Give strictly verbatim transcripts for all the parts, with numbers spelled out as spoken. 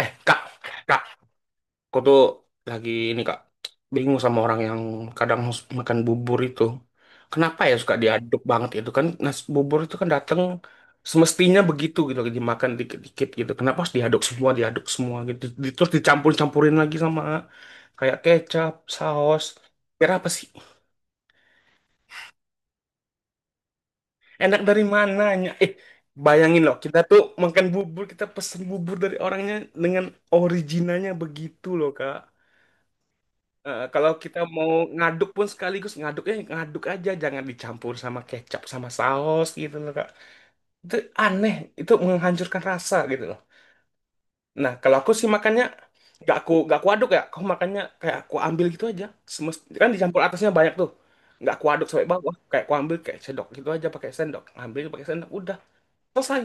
Eh, Kak, Kak, aku tuh lagi ini, Kak, bingung sama orang yang kadang makan bubur itu. Kenapa ya suka diaduk banget itu kan nasi bubur itu kan datang semestinya begitu gitu lagi dimakan dikit-dikit gitu. Kenapa harus diaduk semua, diaduk semua gitu. Di- Terus dicampur-campurin lagi sama kayak kecap, saus. Kira apa sih? Enak dari mananya? Eh, bayangin loh, kita tuh makan bubur, kita pesen bubur dari orangnya dengan originalnya begitu loh, Kak. Eh, kalau kita mau ngaduk pun sekaligus ngaduknya ngaduk aja, jangan dicampur sama kecap sama saus gitu loh Kak. Itu aneh, itu menghancurkan rasa gitu loh. Nah, kalau aku sih makannya gak aku gak aku aduk ya, aku makannya kayak aku ambil gitu aja. Semest kan dicampur atasnya banyak tuh. Nggak aku aduk sampai bawah, kayak aku ambil kayak sendok gitu aja pakai sendok, ambil pakai sendok udah selesai.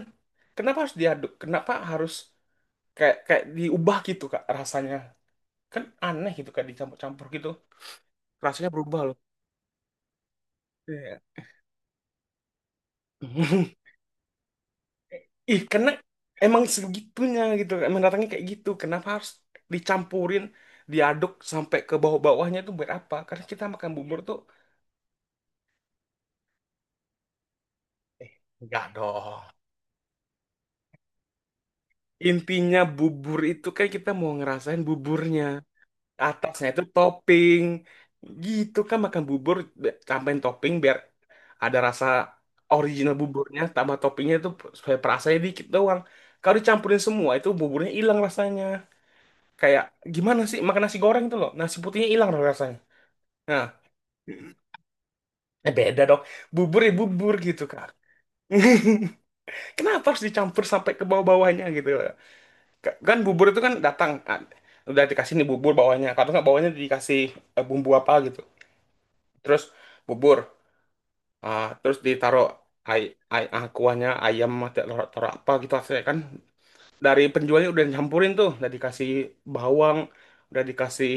Kenapa harus diaduk? Kenapa harus kayak kayak diubah gitu Kak rasanya? Kan aneh gitu kak dicampur-campur gitu. Rasanya berubah loh. Iya. Ih, karena emang segitunya gitu, emang datangnya kayak gitu. Kenapa harus dicampurin, diaduk sampai ke bawah-bawahnya itu buat apa? Karena kita makan bubur tuh, eh, enggak dong. Intinya bubur itu kan kita mau ngerasain buburnya. Atasnya itu topping. Gitu kan makan bubur, be- tambahin topping biar ada rasa original buburnya, tambah toppingnya itu supaya perasanya dikit doang. Kalau dicampurin semua itu buburnya hilang rasanya. Kayak gimana sih makan nasi goreng itu loh. Nasi putihnya hilang loh rasanya. Nah, eh beda dong. Bubur ya bubur gitu kan. Kenapa harus dicampur sampai ke bawah-bawahnya gitu? Ka- Kan bubur itu kan datang kan. Udah dikasih nih bubur bawahnya. Kalau nggak bawahnya dikasih eh, bumbu apa gitu. Terus bubur. Ah, terus ditaruh ay ay ah, kuahnya ayam atau taruh, taruh apa gitu. Akhirnya kan dari penjualnya udah nyampurin tuh, udah dikasih bawang, udah dikasih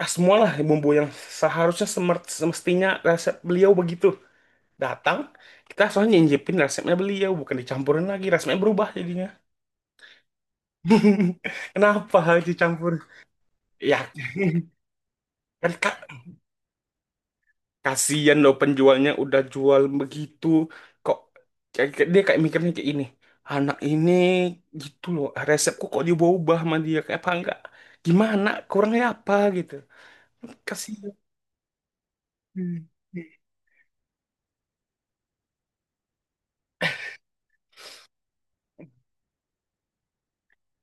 ah, semualah bumbu yang seharusnya semer- semestinya resep beliau begitu. Datang, kita soalnya nyicipin resepnya beliau, bukan dicampurin lagi. Resepnya berubah jadinya. Kenapa harus dicampur? Ya, kan kak, kasihan loh penjualnya udah jual begitu. Kok kayak- kayak- dia kayak mikirnya kayak ini. Anak ini gitu loh, resepku kok diubah sama dia. Kayak apa enggak? Gimana? Kurangnya apa gitu. Kasihan. Hmm.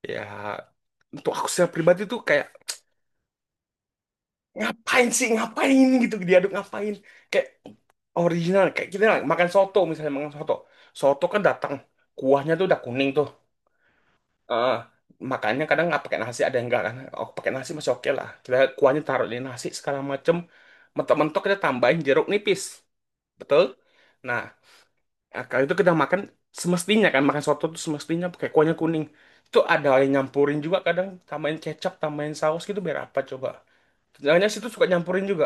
Ya, untuk aku secara pribadi tuh kayak ngapain sih, ngapain gitu diaduk, ngapain kayak original kayak kita lah makan soto, misalnya makan soto soto kan datang kuahnya tuh udah kuning tuh. Eh, makannya kadang nggak pakai nasi, ada yang enggak kan, oh pakai nasi masih oke lah, kita kuahnya taruh di nasi segala macem, mentok-mentok kita tambahin jeruk nipis, betul, nah eh, kalau itu kita makan semestinya kan makan soto tuh semestinya pakai kuahnya kuning. Itu ada yang nyampurin juga, kadang tambahin kecap, tambahin saus gitu biar apa coba, jangan-jangan situ suka nyampurin juga.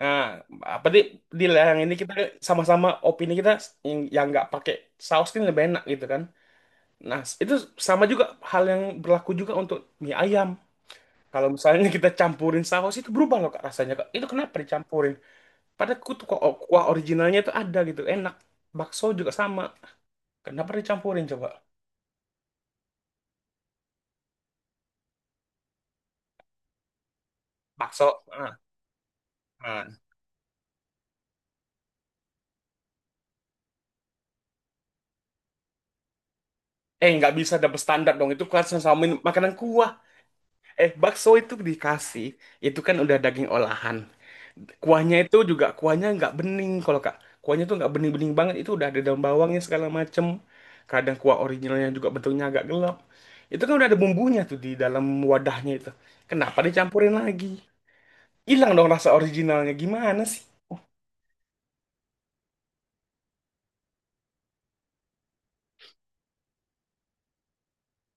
Nah, apa di di yang ini kita sama-sama opini kita yang yang nggak pakai saus kan lebih enak gitu kan. Nah, itu sama juga hal yang berlaku juga untuk mie ayam. Kalau misalnya kita campurin saus itu berubah loh Kak, rasanya Kak. Itu kenapa dicampurin? Padahal kutu kok kuah originalnya itu ada gitu, enak. Bakso juga sama. Kenapa dicampurin coba? Bakso. Ah, ah. Eh, nggak bisa double standar dong. Itu kan sama makanan kuah. Eh, bakso itu dikasih. Itu kan udah daging olahan. Kuahnya itu juga kuahnya nggak bening kalau Kak. Kuahnya tuh nggak bening-bening banget. Itu udah ada daun bawangnya segala macem. Kadang kuah originalnya juga bentuknya agak gelap. Itu kan udah ada bumbunya tuh di dalam wadahnya itu. Kenapa dicampurin lagi? Hilang dong rasa originalnya. Gimana sih?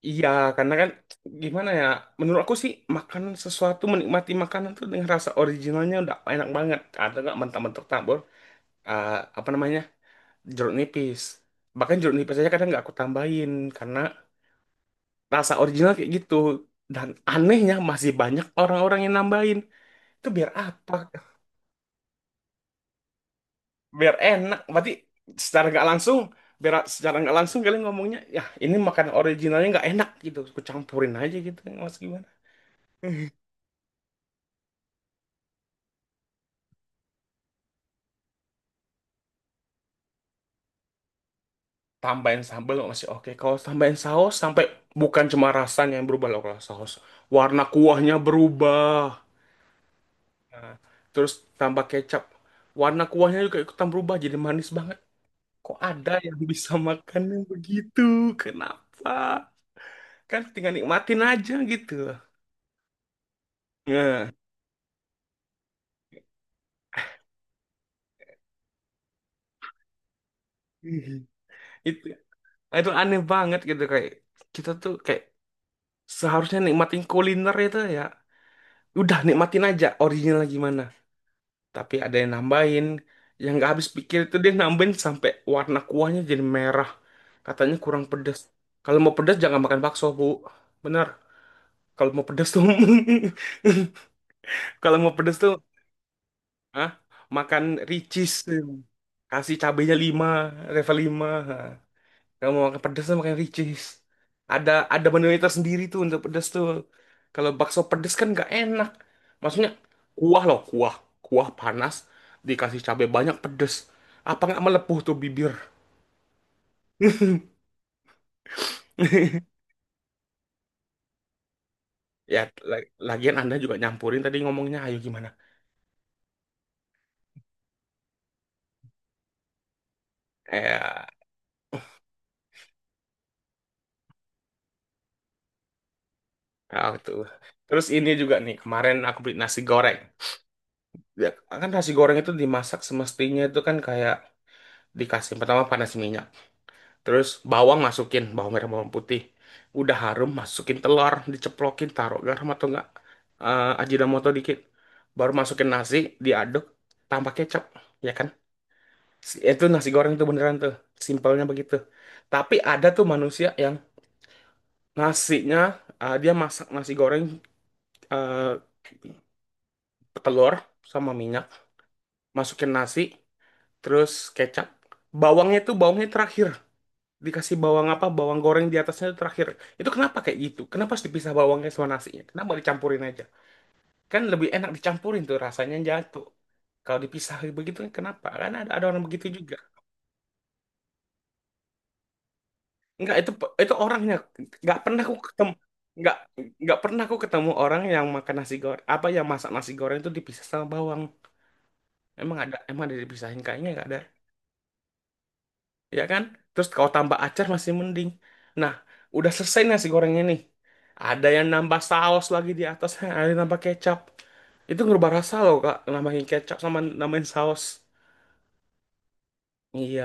Iya, karena kan gimana ya? Menurut aku sih makanan sesuatu menikmati makanan tuh dengan rasa originalnya udah enak banget. Atau nggak mentah-mentah tabur eh, apa namanya jeruk nipis. Bahkan jeruk nipis aja kadang nggak aku tambahin karena rasa original kayak gitu dan anehnya masih banyak orang-orang yang nambahin itu biar apa, biar enak berarti secara nggak langsung, biar secara nggak langsung kalian ngomongnya ya ini makan originalnya nggak enak gitu, kucampurin aja gitu mas gimana. Tambahin sambal masih oke, kalau tambahin saus sampai bukan cuma rasanya yang berubah loh kalau saus, warna kuahnya berubah. Nah, terus tambah kecap, warna kuahnya juga ikutan berubah jadi manis banget. Kok ada yang bisa makan yang begitu? Kenapa? Kan tinggal nikmatin aja gitu. Nah, itu itu aneh banget gitu kayak kita tuh kayak seharusnya nikmatin kuliner itu ya. Udah nikmatin aja original gimana. Tapi ada yang nambahin yang nggak habis pikir itu, dia nambahin sampai warna kuahnya jadi merah. Katanya kurang pedas. Kalau mau pedas jangan makan bakso, Bu. Benar. Kalau mau pedas tuh kalau mau pedas tuh. Hah? Makan ricis. Kasih cabenya lima, level lima kalau mau makan pedes makan ricis. Ada ada menunya tersendiri tuh untuk pedes tuh. Kalau bakso pedes kan nggak enak. Maksudnya kuah loh, kuah. Kuah panas dikasih cabai banyak pedes. Apa nggak melepuh tuh bibir? Ya, la- lagian Anda juga nyampurin tadi ngomongnya, ayo gimana? Eh, ah, tuh. Terus ini juga nih, kemarin aku beli nasi goreng. Ya kan nasi goreng itu dimasak semestinya itu kan kayak dikasih pertama panas minyak, terus bawang, masukin bawang merah bawang putih, udah harum masukin telur diceplokin, taruh garam atau enggak eh, Ajinomoto dikit, baru masukin nasi, diaduk, tambah kecap, ya kan. Si- itu nasi goreng itu beneran tuh simpelnya begitu, tapi ada tuh manusia yang nasinya eh, dia masak nasi goreng, eh, telur sama minyak, masukin nasi, terus kecap. Bawangnya tuh bawangnya terakhir. Dikasih bawang apa? Bawang goreng di atasnya itu terakhir. Itu kenapa kayak gitu? Kenapa harus dipisah bawangnya sama nasinya? Kenapa dicampurin aja? Kan lebih enak dicampurin tuh rasanya jatuh. Kalau dipisah begitu kenapa? Kan ada, ada orang begitu juga. Enggak, itu itu orangnya nggak pernah aku ketemu, nggak nggak pernah aku ketemu orang yang makan nasi goreng apa yang masak nasi goreng itu dipisah sama bawang. Emang ada emang ada dipisahin kayaknya nggak ada. Ya kan? Terus kalau tambah acar masih mending. Nah, udah selesai nasi gorengnya nih. Ada yang nambah saus lagi di atasnya, ada yang nambah kecap. Itu ngerubah rasa loh, Kak, nambahin kecap sama nambahin saus. Iya.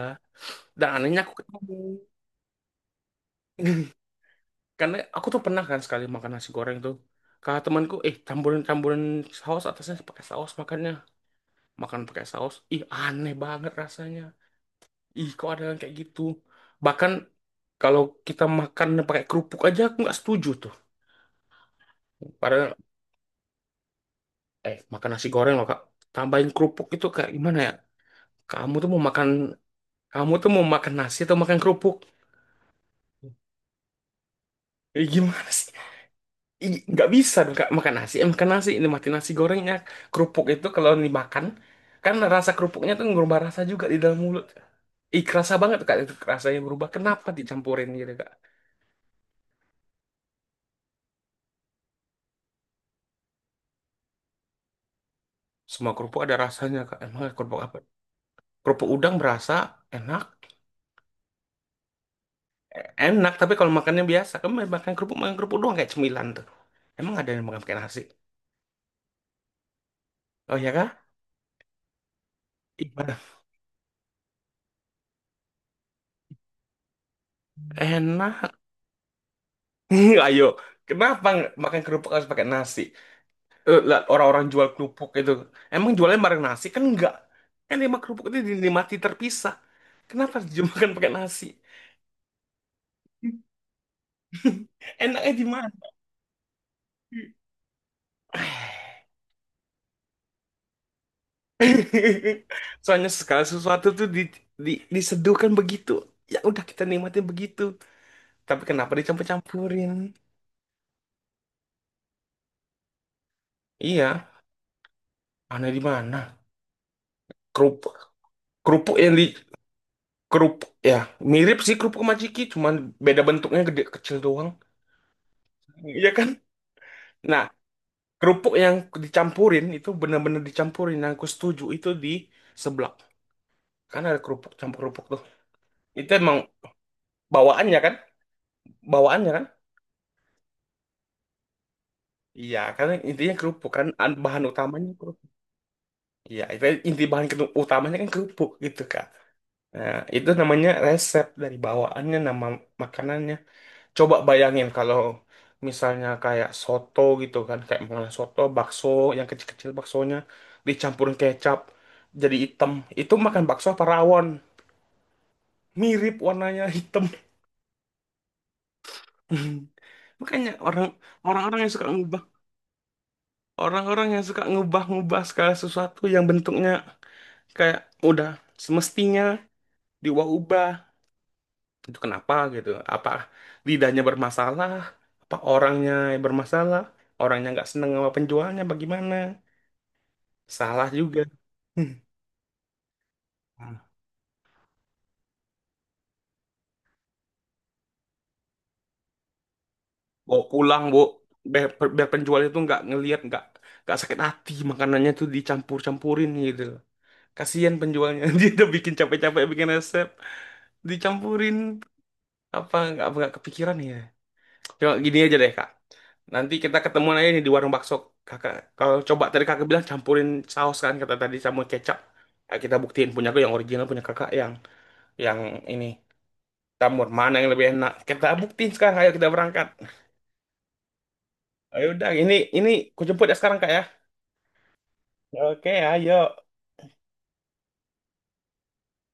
Dan anehnya aku ketemu. Karena aku tuh pernah kan sekali makan nasi goreng tuh. Kata temanku, eh campurin-campurin saus atasnya pakai saus makannya. Makan pakai saus. Ih, aneh banget rasanya. Ih, kok ada yang kayak gitu. Bahkan kalau kita makan pakai kerupuk aja aku nggak setuju tuh. Padahal, eh, makan nasi goreng loh, Kak. Tambahin kerupuk itu kayak gimana ya? Kamu tuh mau makan, Kamu tuh mau makan nasi atau makan kerupuk? Eh, gimana sih? Ih, nggak bisa dong, Kak. Makan nasi, eh, makan nasi. Nikmatin nasi gorengnya. Kerupuk itu kalau dimakan, kan rasa kerupuknya tuh ngerubah rasa juga di dalam mulut. Ih, kerasa banget, Kak. Itu rasanya berubah. Kenapa dicampurin gitu, Kak? Semua kerupuk ada rasanya, Kak. Emang kerupuk apa? Kerupuk udang berasa enak. Enak, tapi kalau makannya biasa, kamu makan kerupuk, makan kerupuk doang kayak cemilan tuh. Emang ada yang makan pakai nasi? Oh ya kah? Ibadah. Enak. Ayo, kenapa nggak makan kerupuk harus pakai nasi? Eh, lah, orang-orang jual kerupuk itu, emang jualnya bareng nasi kan enggak? Kan lima kerupuk itu dinikmati terpisah. Kenapa harus dimakan pakai nasi? Enaknya di mana? Soalnya segala sesuatu tuh di, di- diseduhkan begitu. Ya udah kita nikmatin begitu. Tapi kenapa dicampur-campurin? Iya, aneh di mana? Kerupuk, kerupuk yang di Kerupuk ya, mirip sih kerupuk majiki, cuman beda bentuknya gede kecil doang. Iya kan? Nah, kerupuk yang dicampurin itu benar-benar dicampurin. Yang aku setuju itu di seblak. Kan ada kerupuk campur kerupuk tuh. Itu emang bawaannya kan? Bawaannya kan? Iya, karena intinya kerupuk kan An- bahan utamanya kerupuk. Iya, itu inti bahan ketu- utamanya kan kerupuk gitu, Kak. Nah, itu namanya resep dari bawaannya, nama makanannya. Coba bayangin kalau misalnya kayak soto gitu kan, kayak makanan soto, bakso, yang kecil-kecil baksonya, dicampurin kecap, jadi hitam. Itu makan bakso apa rawon? Mirip warnanya hitam. Makanya orang orang-orang yang suka ngubah, orang-orang yang suka ngubah-ngubah segala sesuatu yang bentuknya kayak udah semestinya diubah-ubah. Itu kenapa gitu, apa lidahnya bermasalah, apa orangnya yang bermasalah, orangnya nggak seneng sama penjualnya bagaimana, salah juga. Hmm. Bawa pulang bu, biar, biar penjual itu nggak ngelihat nggak nggak sakit hati makanannya tuh dicampur-campurin gitu loh, kasihan penjualnya. Dia udah bikin capek-capek bikin resep dicampurin, apa nggak nggak kepikiran ya. Coba gini aja deh kak. Nanti kita ketemuan aja nih di warung bakso kakak. Kalau coba tadi kakak bilang campurin saus kan kata tadi sama kecap. Nah, kita buktiin, punya aku yang original, punya kakak yang yang ini, jamur mana yang lebih enak. Kita buktiin sekarang. Ayo kita berangkat. Ayo udah ini ini ku jemput ya sekarang kak ya. Oke ayo.